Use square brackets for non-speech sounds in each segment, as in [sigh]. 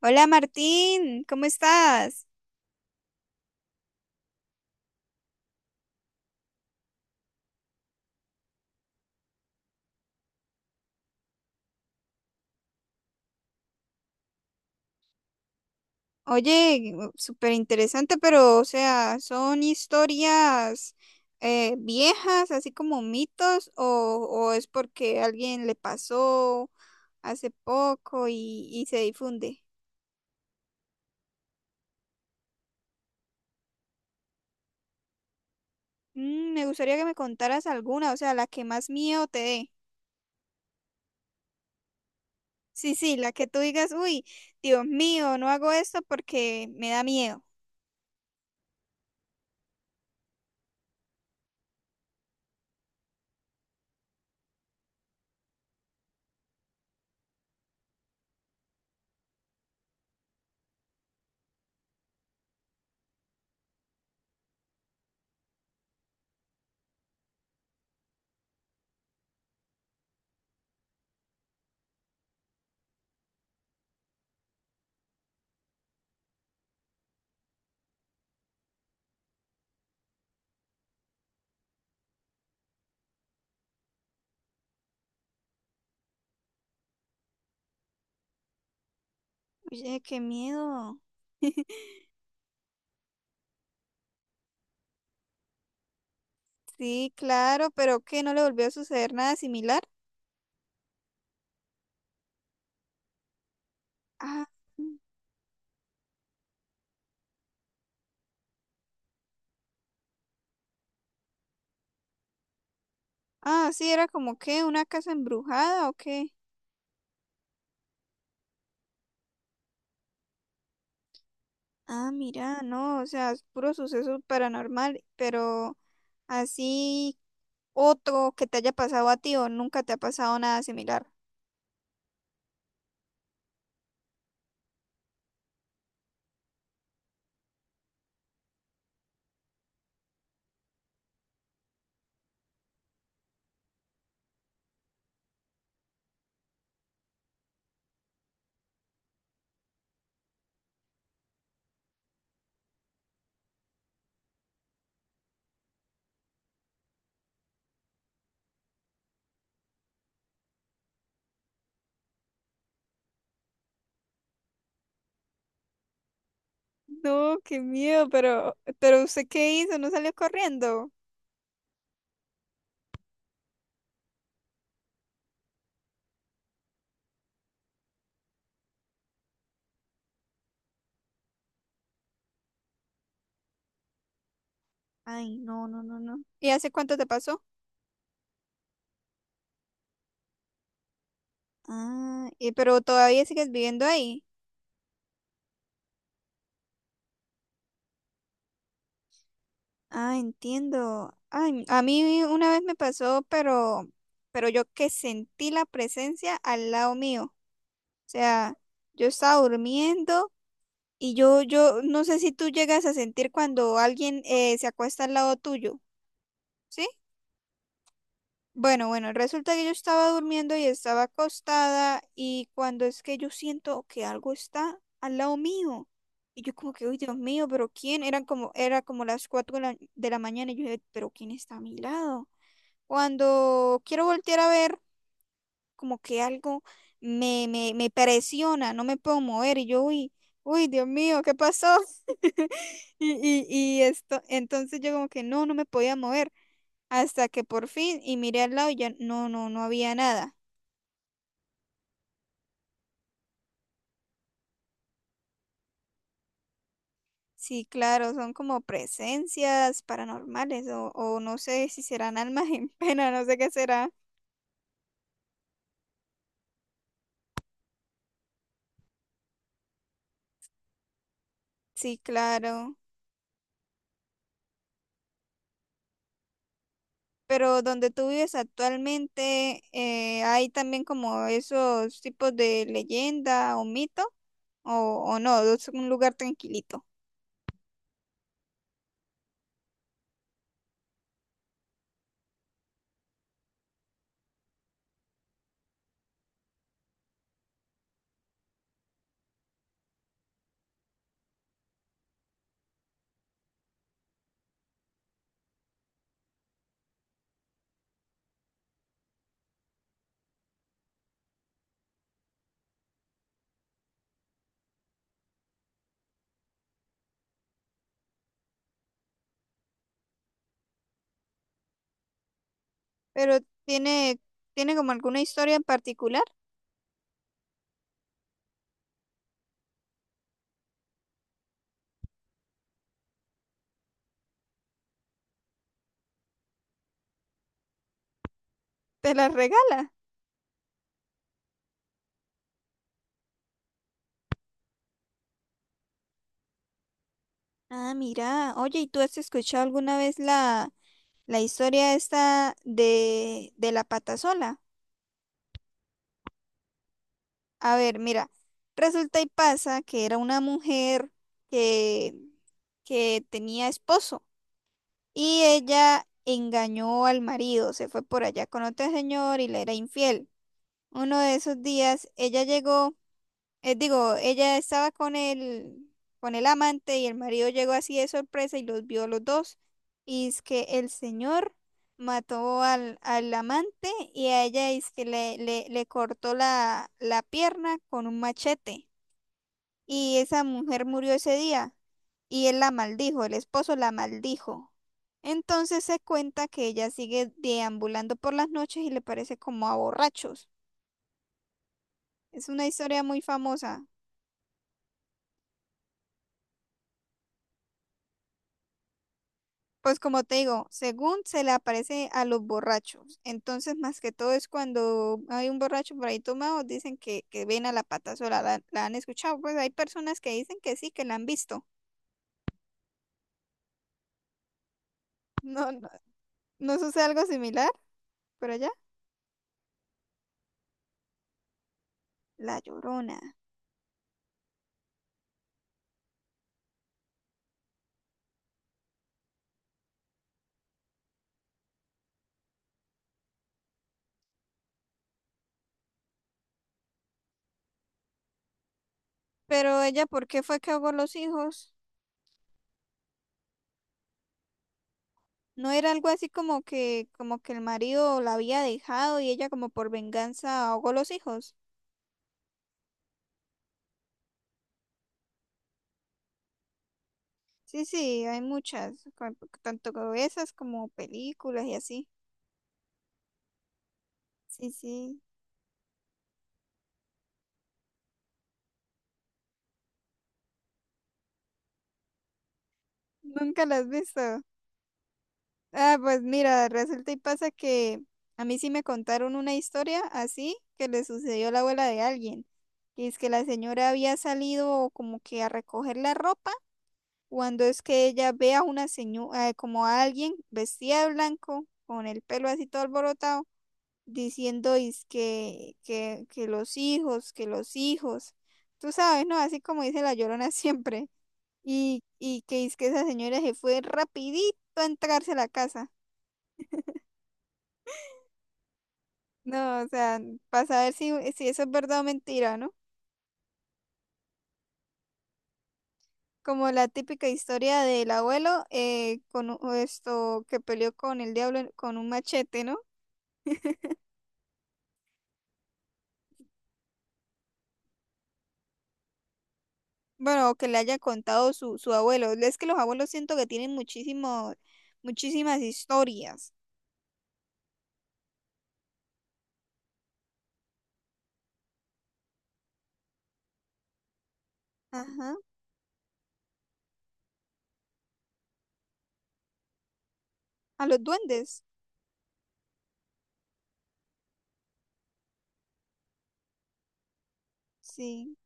Hola Martín, ¿cómo estás? Oye, súper interesante, pero o sea, ¿son historias viejas, así como mitos, o es porque alguien le pasó hace poco y se difunde? Mm, me gustaría que me contaras alguna, o sea, la que más miedo te dé. Sí, sí, la que tú digas, uy, Dios mío, no hago esto porque me da miedo. Oye, qué miedo. [laughs] Sí, claro, pero qué no le volvió a suceder nada similar. Ah, ah, sí, era como que una casa embrujada o qué. Ah, mira, no, o sea, es puro suceso paranormal, pero así otro que te haya pasado a ti o nunca te ha pasado nada similar. No, qué miedo, pero ¿usted qué hizo? ¿No salió corriendo? Ay, no, no, no, no. ¿Y hace cuánto te pasó? Ah, ¿y pero todavía sigues viviendo ahí? Ah, entiendo. Ay, a mí una vez me pasó, pero yo que sentí la presencia al lado mío. O sea, yo estaba durmiendo y yo, no sé si tú llegas a sentir cuando alguien se acuesta al lado tuyo, ¿sí? Bueno, bueno, resulta que yo estaba durmiendo y estaba acostada y cuando es que yo siento que algo está al lado mío. Y yo como que, uy, Dios mío, pero ¿quién? Eran como, era como las cuatro de de la mañana y yo dije, pero ¿quién está a mi lado? Cuando quiero voltear a ver, como que algo me presiona, no me puedo mover y yo, uy, uy, Dios mío, ¿qué pasó? [laughs] Y, y, y esto, entonces yo como que no, no me podía mover hasta que por fin y miré al lado y ya no, no había nada. Sí, claro, son como presencias paranormales o no sé si serán almas [laughs] en pena, no sé qué será. Sí, claro. Pero donde tú vives actualmente, ¿hay también como esos tipos de leyenda o mito? ¿O, o no? Es un lugar tranquilito. Pero tiene, tiene como alguna historia en particular. Te la regala. Ah, mira. Oye, ¿y tú has escuchado alguna vez la historia esta de la patasola? A ver, mira. Resulta y pasa que era una mujer que, que tenía esposo. Y ella engañó al marido, se fue por allá con otro señor y le era infiel. Uno de esos días ella llegó, digo, ella estaba con con el amante y el marido llegó así de sorpresa y los vio a los dos. Y es que el señor mató al amante y a ella es que le cortó la pierna con un machete. Y esa mujer murió ese día y él la maldijo, el esposo la maldijo. Entonces se cuenta que ella sigue deambulando por las noches y le parece como a borrachos. Es una historia muy famosa. Pues como te digo, según se le aparece a los borrachos. Entonces, más que todo es cuando hay un borracho por ahí tomado, dicen que ven a la pata sola. La han escuchado. Pues hay personas que dicen que sí, que la han visto. [laughs] No, no, no sucede algo similar, pero allá, la llorona. Pero ella, ¿por qué fue que ahogó los hijos? No era algo así como que el marido la había dejado y ella como por venganza ahogó los hijos. Sí, sí, hay muchas, tanto como esas como películas y así. Sí, sí, nunca las has visto. Ah, pues mira, resulta y pasa que a mí sí me contaron una historia así que le sucedió a la abuela de alguien. Y es que la señora había salido como que a recoger la ropa cuando es que ella ve a una señora, como a alguien vestida de blanco, con el pelo así todo alborotado, diciendo es que, que los hijos, tú sabes, ¿no? Así como dice la Llorona [laughs] siempre, y que es que esa señora se fue rapidito a entrarse a la casa. No, o sea, para saber si, si eso es verdad o mentira, ¿no? Como la típica historia del abuelo con esto que peleó con el diablo con un machete, ¿no? Bueno, o que le haya contado su abuelo. Es que los abuelos siento que tienen muchísimo, muchísimas historias. Ajá. A los duendes. Sí.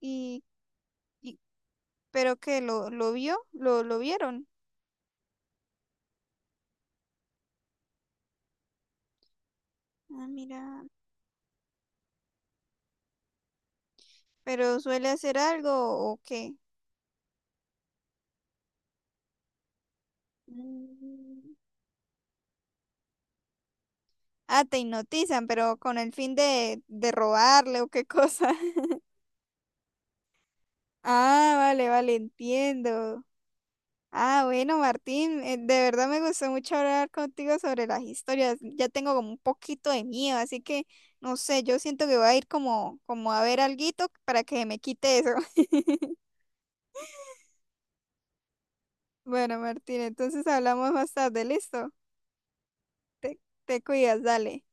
Y, y pero que lo vio, lo vieron. Ah, mira. Pero suele hacer algo o qué. Mm. Ah, te hipnotizan, pero con el fin de robarle o qué cosa. [laughs] Ah, vale, vale, entiendo. Ah, bueno, Martín, de verdad me gustó mucho hablar contigo sobre las historias. Ya tengo como un poquito de miedo, así que no sé, yo siento que voy a ir como, como a ver alguito para que me quite eso. [laughs] Bueno, Martín, entonces hablamos más tarde, ¿listo? Te, te cuidas, dale.